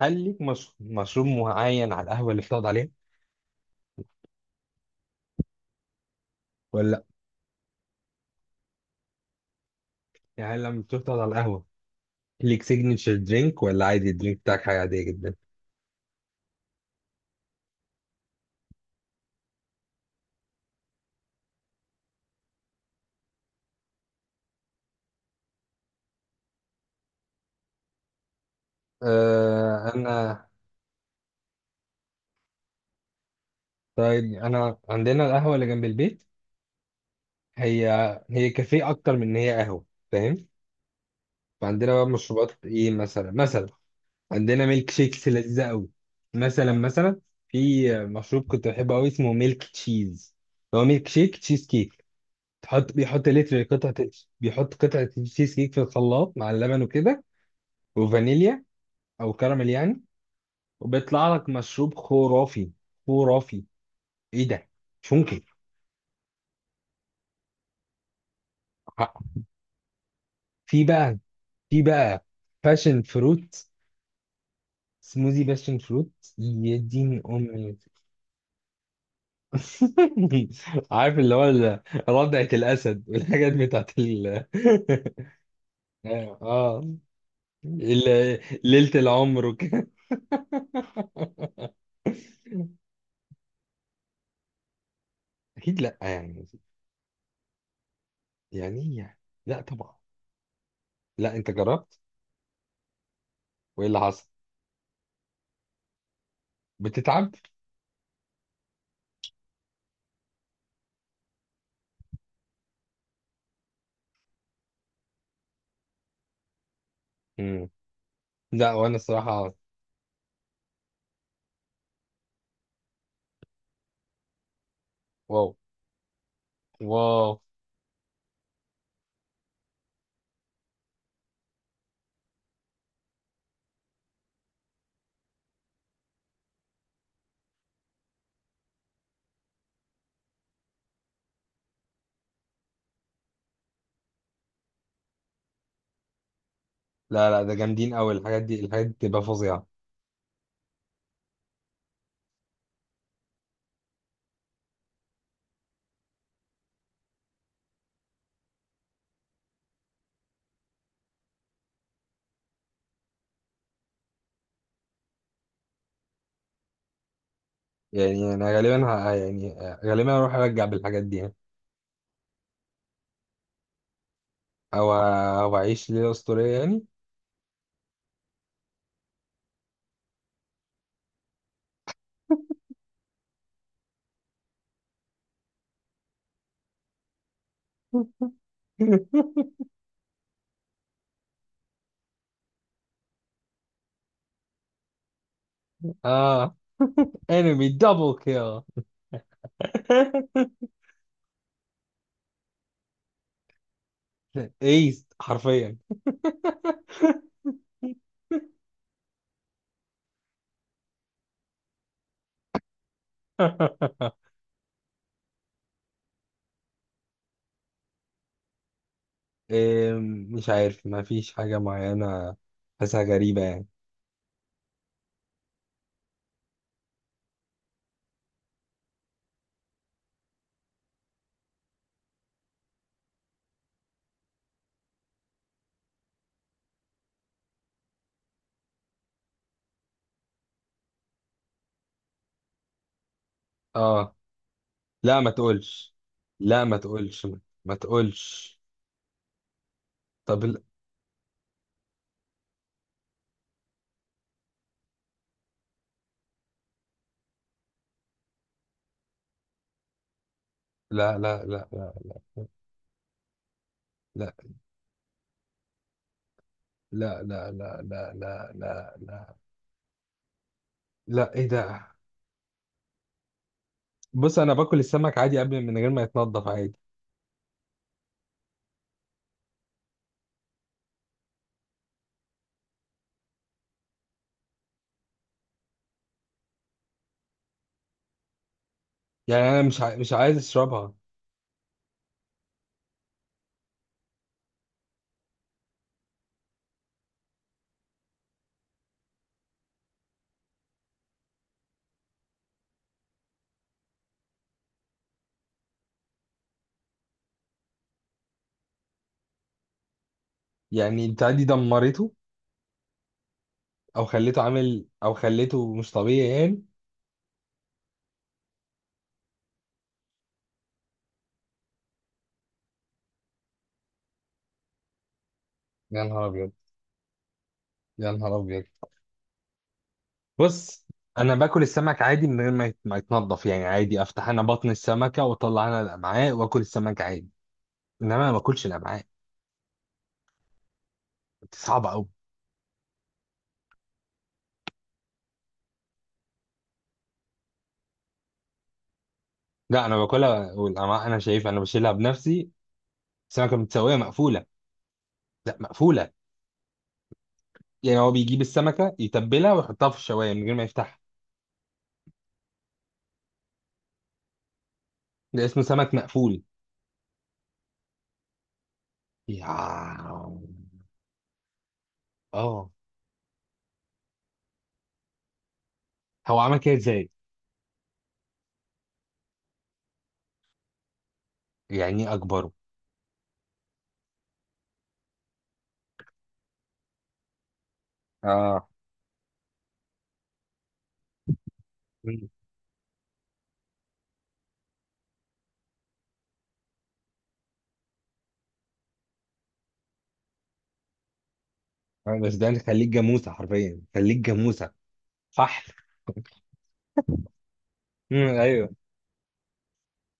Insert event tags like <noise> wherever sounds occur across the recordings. هل ليك مش... مشروب معين على القهوة اللي بتقعد عليه ولا لا؟ يعني لما بتقعد على القهوة، ليك سيجنتشر درينك ولا عادي الدرينك بتاعك حاجة عادية جدا؟ آه أنا طيب، أنا عندنا القهوة اللي جنب البيت، هي هي كافيه أكتر من إن هي قهوة. فاهم؟ فعندنا بقى مشروبات إيه مثلا؟ مثلا عندنا ميلك شيكس لذيذة أوي. مثلا، في مشروب كنت بحبه أوي اسمه ميلك تشيز، هو ميلك شيك تشيز كيك. بيحط لتر قطعة. بيحط قطعة تشيز كيك في الخلاط مع اللبن وكده، وفانيليا أو كراميل يعني، وبيطلع لك مشروب خرافي، خرافي. إيه ده؟ مش ممكن. في بقى في بقى باشن فروت، سموذي باشن فروت. يا دين أمي. <laughs> عارف اللي هو ردعة الأسد والحاجات بتاعت ال... <laughs> آه، ليلة العمر وكده. <laughs> أكيد لأ يعني ايه يعني؟ لا طبعا. لا، انت جربت؟ وايه اللي حصل؟ بتتعب؟ امم لا، وانا الصراحه. واو. واو. لا لا، ده جامدين قوي الحاجات دي بتبقى فظيعه. يعني انا غالبا ه... آه، يعني آه، غالبا اروح ارجع بالحاجات دي يعني. او اعيش ليله اسطوريه يعني. <laughs> اه. انمي دبل كيل. <laughs> ايست حرفيا. <laughs> إيه؟ مش عارف، ما فيش حاجة معينة، حاسها غريبة يعني. اه. لا، ما تقولش. لا، ما تقولش. ما تقولش. طب، لا لا لا لا لا لا لا لا لا لا لا لا لا، ايه ده؟ بص، انا باكل السمك عادي قبل من غير ما يتنضف، عادي. يعني انا مش عايز اشربها. يعني البتاع دي دمرته، او خليته مش طبيعي يعني. يا نهار ابيض. يا نهار ابيض. بص، انا باكل السمك عادي من غير ما يتنضف يعني عادي. افتح انا بطن السمكه واطلع انا الامعاء واكل السمك عادي. انما انا ما باكلش الامعاء، دي صعبه قوي. لا، انا باكلها، والامعاء انا شايفها، انا بشيلها بنفسي. السمكه متسويه، مقفوله. لا، مقفوله. يعني هو بيجيب السمكه يتبلها ويحطها في الشوايه من غير ما يفتحها. ده اسمه سمك مقفول. يا اه هو عمل كده ازاي؟ يعني إيه اكبره؟ اه. مم. بس ده خليك جاموسه، حرفيا خليك جاموسه فحل. مم، ايوه.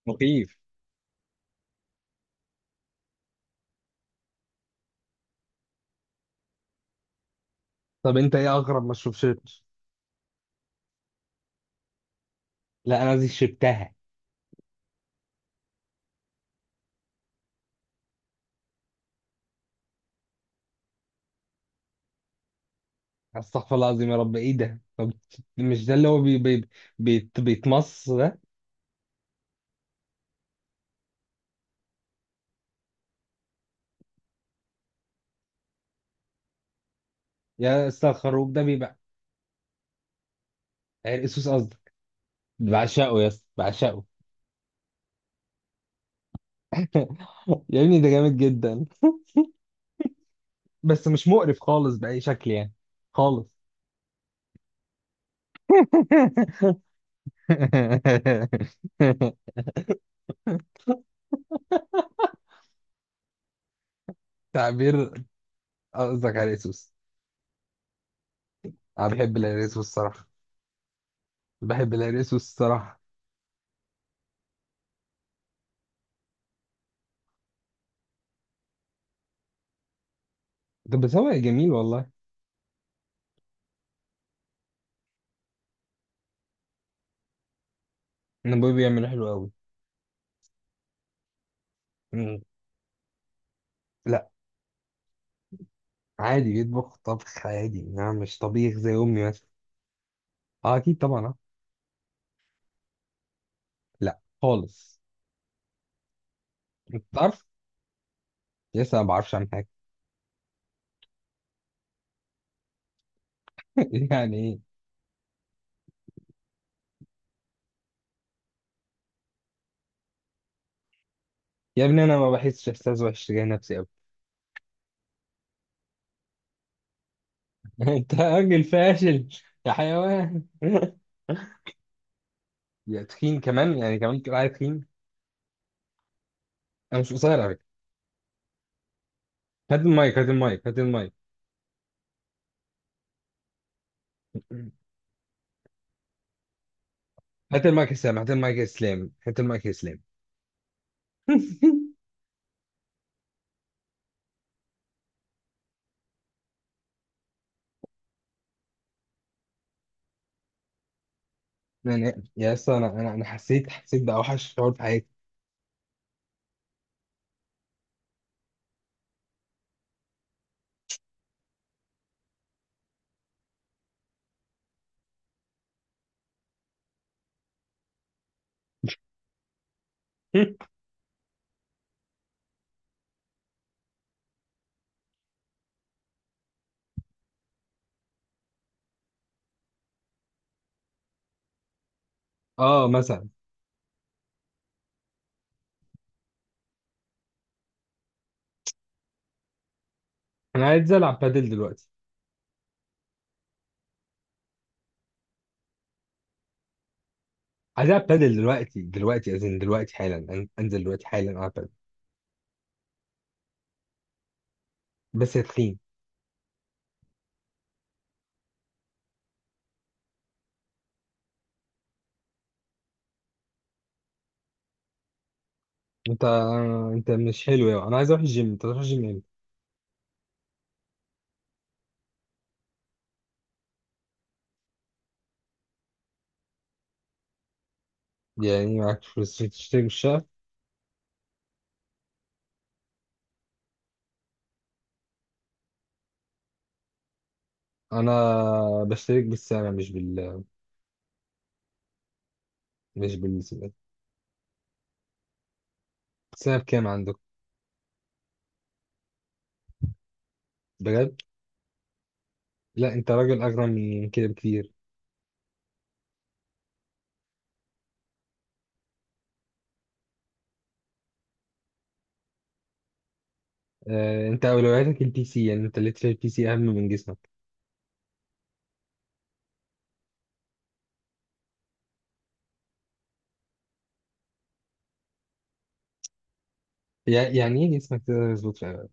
مخيف. طب انت ايه اغرب ما شربتش؟ لا انا دي شربتها. استغفر الله العظيم، يا رب ايه ده؟ طب مش ده اللي هو بي بي بي بيتمص ده؟ يا اسطى، الخروب ده بيبقى... عرق سوس قصدك؟ بعشقه يا اسطى، بعشقه. <laughs> يا ابني ده جامد جدا، بس مش مقرف خالص بأي شكل يعني، خالص. <laughs> تعبير. قصدك على الريسوس؟ انا بحب الريسوس الصراحه، بحب الريسوس الصراحه. طب، بس هو جميل والله. انا ابويا بيعمله حلو قوي. مم. لا، عادي بيطبخ طبخ عادي يعني، مش طبيخ زي امي مثلا. اه اكيد طبعا. آه. لا خالص. انت تعرف، لسه ما بعرفش عن حاجه. <laughs> يعني ايه؟ يا ابني، انا ما بحسش احساس وحش تجاه نفسي قوي. <laughs> انت راجل فاشل، يا حيوان. <laughs> يا تخين، كمان يعني؟ كمان تقول عليا تخين؟ انا مش قصير على فكره. هات المايك. هات المايك. هات المايك. <clears throat> هات المايك يا اسلام. هات المايك يا اسلام. هات المايك يا اسلام. <laughs> يعني يا اسطى، انا انا أنا حسيت باوحش شعور في حياتي. <laughs> اه، مثلا. انا عايز العب بادل دلوقتي. عايز العب بادل دلوقتي دلوقتي، أزن دلوقتي حالا، انزل دلوقتي حالا العب بادل. بس يا تخين، انت انت مش حلو يعني، انا عايز اروح الجيم. انت تروح الجيم امتى؟ يعني معاك فلوس عشان تشترك بالشهر؟ انا بشترك بالسنه، مش بالسنه. السنه بكام عندك؟ بجد؟ لا انت راجل اغنى من كده بكتير. آه، انت اولوياتك البي سي يعني، انت ليتر البي سي اهم من جسمك. يعني ايه جسمك تقدر يظبط في